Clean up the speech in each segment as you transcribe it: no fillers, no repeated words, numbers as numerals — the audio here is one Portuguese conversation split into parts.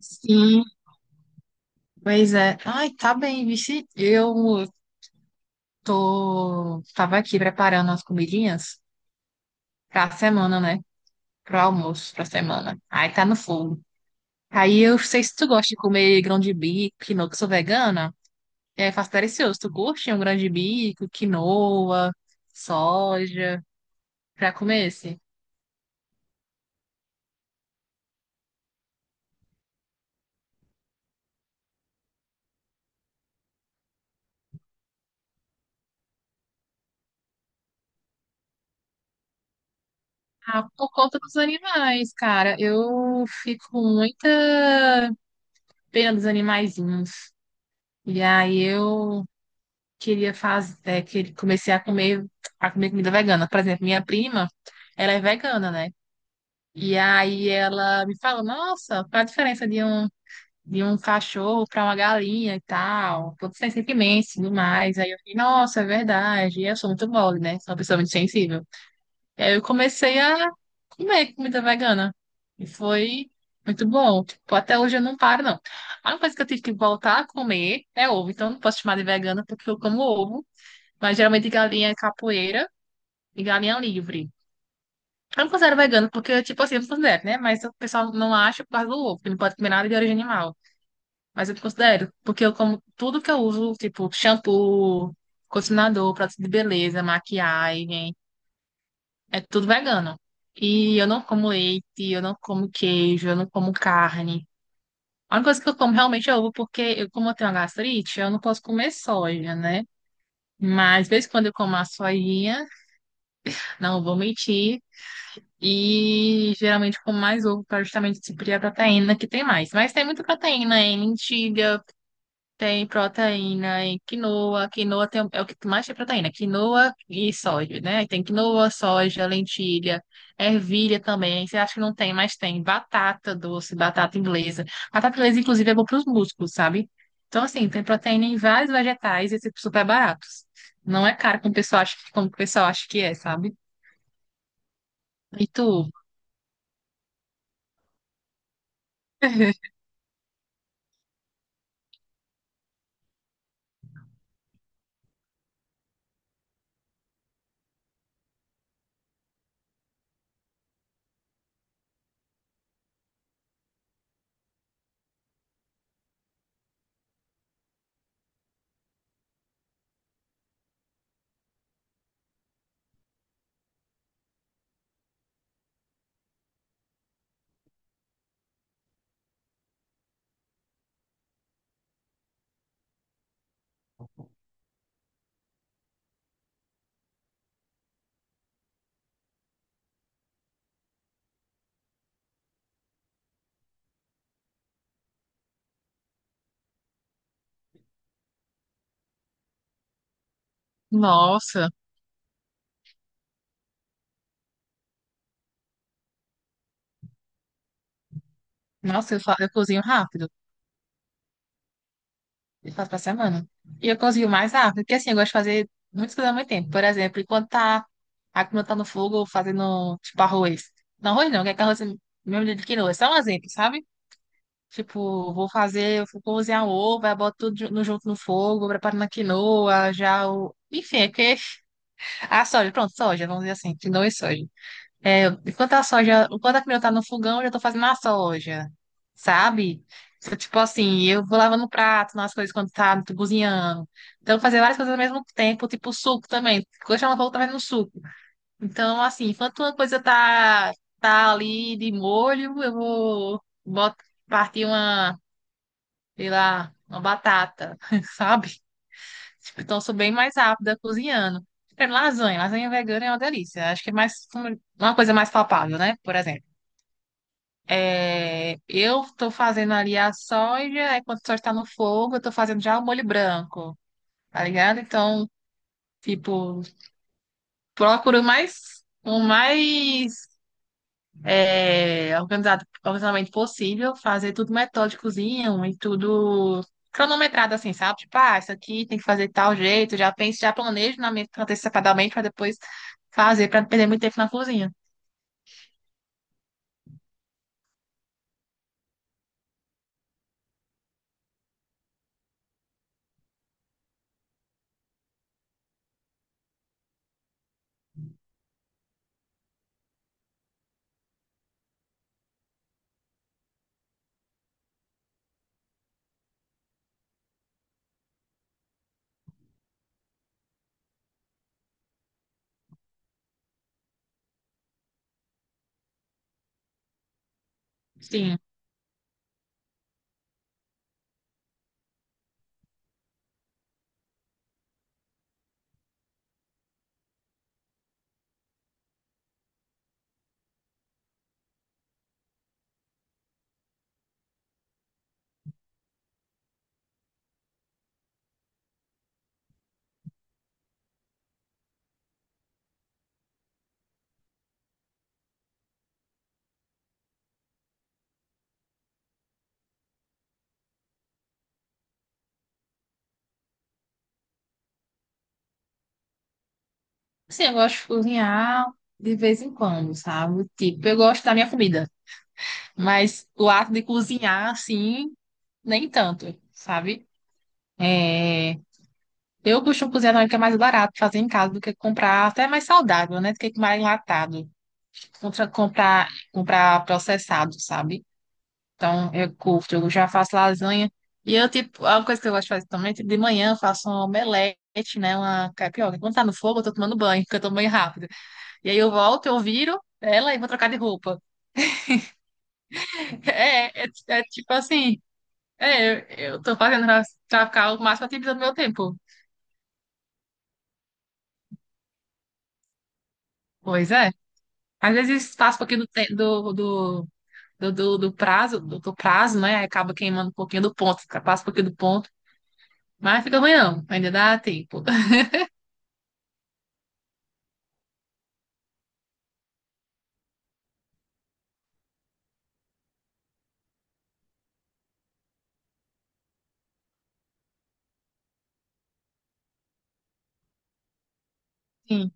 Sim, pois é. Ai, tá bem, vixe. Eu tava aqui preparando as comidinhas pra semana, né? Pro almoço, pra semana. Aí tá no fogo. Aí eu sei se tu gosta de comer grão de bico, quinoa, que eu sou vegana. É, faço delicioso. Tu curte um grão de bico, quinoa, soja, pra comer esse? Ah, por conta dos animais, cara. Eu fico com muita pena dos animaizinhos. E aí eu queria fazer, que comecei a comer, comida vegana. Por exemplo, minha prima, ela é vegana, né? E aí ela me falou, nossa, qual a diferença de um cachorro para uma galinha e tal? Todos são sentimentos e tudo mais. Aí eu fiquei, nossa, é verdade. E eu sou muito mole, né? Sou uma pessoa muito sensível. E aí eu comecei a comer comida vegana. E foi muito bom. Tipo, até hoje eu não paro, não. A única coisa que eu tive que voltar a comer é ovo. Então eu não posso chamar de vegana porque eu como ovo. Mas geralmente galinha é capoeira e galinha livre. Eu não considero vegano porque, tipo assim, eu não considero, né? Mas o pessoal não acha por causa do ovo, que não pode comer nada de origem animal. Mas eu considero, porque eu como tudo que eu uso, tipo shampoo, condicionador, produto de beleza, maquiagem, é tudo vegano. E eu não como leite, eu não como queijo, eu não como carne. A única coisa que eu como realmente é ovo, como eu tenho uma gastrite, eu não posso comer soja, né? Mas de vez em quando eu como a sojinha, não vou mentir. E geralmente com mais ovo para justamente suprir a proteína que tem mais. Mas tem muita proteína em lentilha, tem proteína em quinoa. Quinoa tem, é o que mais tem proteína, quinoa e soja, né? Tem quinoa, soja, lentilha, ervilha também. Você acha que não tem, mas tem batata doce, batata inglesa. Batata inglesa, inclusive, é bom para os músculos, sabe? Então, assim, tem proteína em vários vegetais e esses super baratos. Não é caro como o pessoal acha, como o pessoal acha que é, sabe? E tu? Nossa, nossa, eu cozinho rápido. Eu faço pra semana. E eu cozinho mais rápido, porque assim, eu gosto de fazer muitas coisas ao mesmo tempo. Por exemplo, enquanto a comida tá no fogo, fazendo, tipo, arroz. Não, arroz não, que é que arroz é mesmo de quinoa. É só um exemplo, sabe? Tipo, vou cozinhar um ovo, aí boto tudo junto no fogo, preparo na quinoa, já o. Enfim, é que. A soja, pronto, soja, vamos dizer assim, quinoa e soja. É, enquanto a quinoa tá no fogão, eu já tô fazendo a soja, sabe? Então, tipo assim, eu vou lavando o prato, nas coisas quando tá cozinhando. Então, fazer várias coisas ao mesmo tempo, tipo suco também. Quando chama fogo, tá fazendo suco. Então, assim, enquanto uma coisa tá ali de molho, eu vou boto, partir uma sei lá, uma batata, sabe? Tipo, então eu sou bem mais rápida cozinhando. Por exemplo, lasanha vegana é uma delícia. Acho que é mais uma coisa mais palpável, né? Por exemplo, eu tô fazendo ali a soja, aí quando a soja tá no fogo, eu tô fazendo já o molho branco, tá ligado? Então, tipo, procuro mais o mais é, organizado, organizadamente possível, fazer tudo metódicozinho e tudo cronometrado, assim, sabe? Tipo, ah, isso aqui tem que fazer de tal jeito, já penso, já planejo na minha antecipadamente para depois fazer, para não perder muito tempo na cozinha. Sim. Sim, eu gosto de cozinhar de vez em quando, sabe? Tipo, eu gosto da minha comida, mas o ato de cozinhar, assim, nem tanto, sabe? É... Eu costumo cozinhar também, que é mais barato fazer em casa do que comprar, até é mais saudável, né? Do que comprar enlatado. Contra comprar processado, sabe? Então, eu curto, eu já faço lasanha. E eu, tipo, é uma coisa que eu gosto de fazer também, tipo, de manhã eu faço um omelete, né? Uma crepioca. Quando tá no fogo, eu tô tomando banho, porque eu tomo banho rápido. E aí eu volto, eu viro ela e vou trocar de roupa. É tipo assim, é, eu tô fazendo pra, ficar o máximo ativo do meu tempo. Pois é. Às vezes faço um pouquinho do prazo, né? Aí acaba queimando um pouquinho do ponto, passa um pouquinho do ponto. Mas fica ruim não, ainda dá tempo. Sim,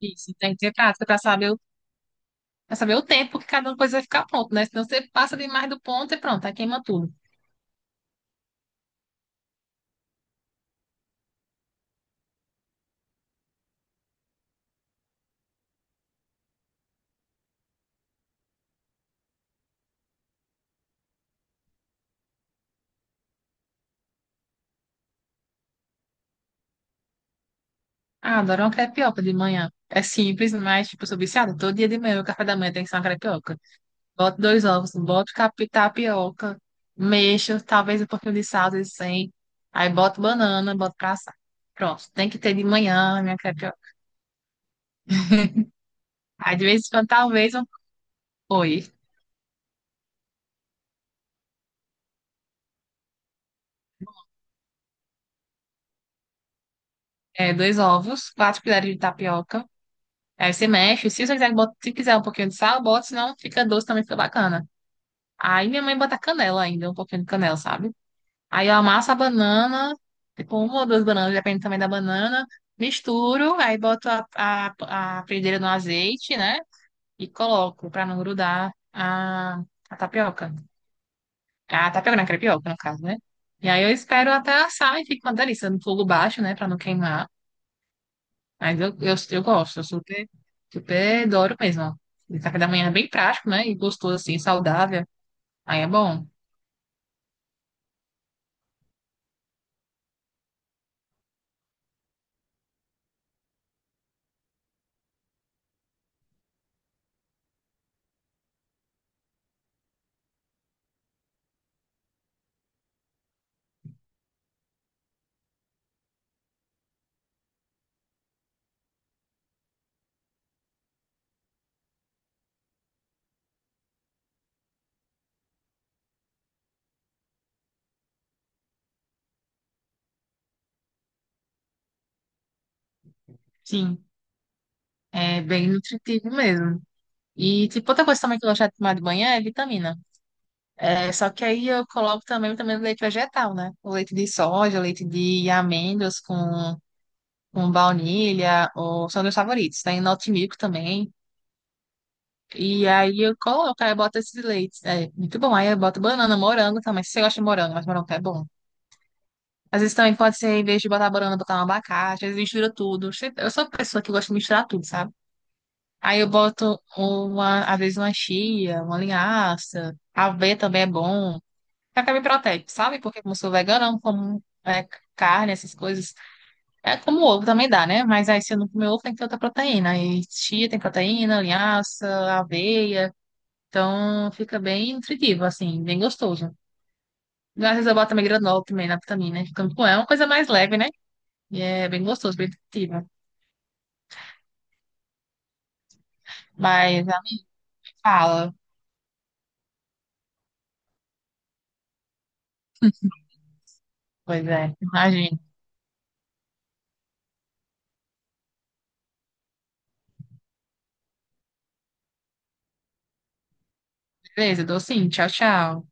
isso. Tem que ter prática para Pra saber o tempo que cada coisa vai ficar pronto, né? Senão você passa demais do ponto e pronto, aí queima tudo. Ah, adoro uma crepioca de manhã. É simples, mas, tipo, eu sou viciada. Todo dia de manhã, o café da manhã tem que ser uma crepioca. Boto dois ovos, boto tapioca, mexo, talvez um pouquinho de sal, de sem. Aí boto banana, boto pra assar. Pronto, tem que ter de manhã a minha crepioca. Aí, de vez em quando, talvez, um... Oi, dois ovos, quatro colheres de tapioca. Aí você mexe. Se você quiser, se quiser um pouquinho de sal, bota, senão fica doce também, fica bacana. Aí minha mãe bota canela ainda, um pouquinho de canela, sabe? Aí eu amasso a banana, tipo uma ou duas bananas, depende também da banana. Misturo, aí boto a frigideira no azeite, né? E coloco pra não grudar a tapioca. A tapioca não, a crepioca, no caso, né? E aí eu espero até assar e fica uma delícia no fogo baixo, né? Pra não queimar. Mas eu gosto, eu super, super adoro mesmo. Ó. E café da manhã é bem prático, né? E gostoso, assim, saudável. Aí é bom. Sim, é bem nutritivo mesmo. E, tipo, outra coisa também que eu gosto de tomar de manhã é vitamina. É, só que aí eu coloco também o vitamina do leite vegetal, né? O leite de soja, o leite de amêndoas com baunilha, ou, são meus favoritos. Tem Noti Milk também. E aí eu coloco, aí eu boto esses leites. É muito bom. Aí eu boto banana, morango também. Se você gosta de morango, mas morango é bom. Às vezes também pode ser, em vez de botar banana, botar um abacate, às vezes mistura tudo. Eu sou uma pessoa que gosta de misturar tudo, sabe? Aí eu boto uma, às vezes uma chia, uma linhaça, aveia também é bom. Até me protege, sabe? Porque como eu sou vegana, eu não como carne, essas coisas. É como ovo também dá, né? Mas aí se eu não comer ovo, tem que ter outra proteína. Aí chia tem proteína, linhaça, aveia. Então fica bem nutritivo, assim, bem gostoso. Às vezes eu boto também granola também na vitamina, né? É uma coisa mais leve, né? E é bem gostoso, bem nutritivo. Mas ela me fala. Pois é, imagina. Beleza, dou sim. Tchau, tchau.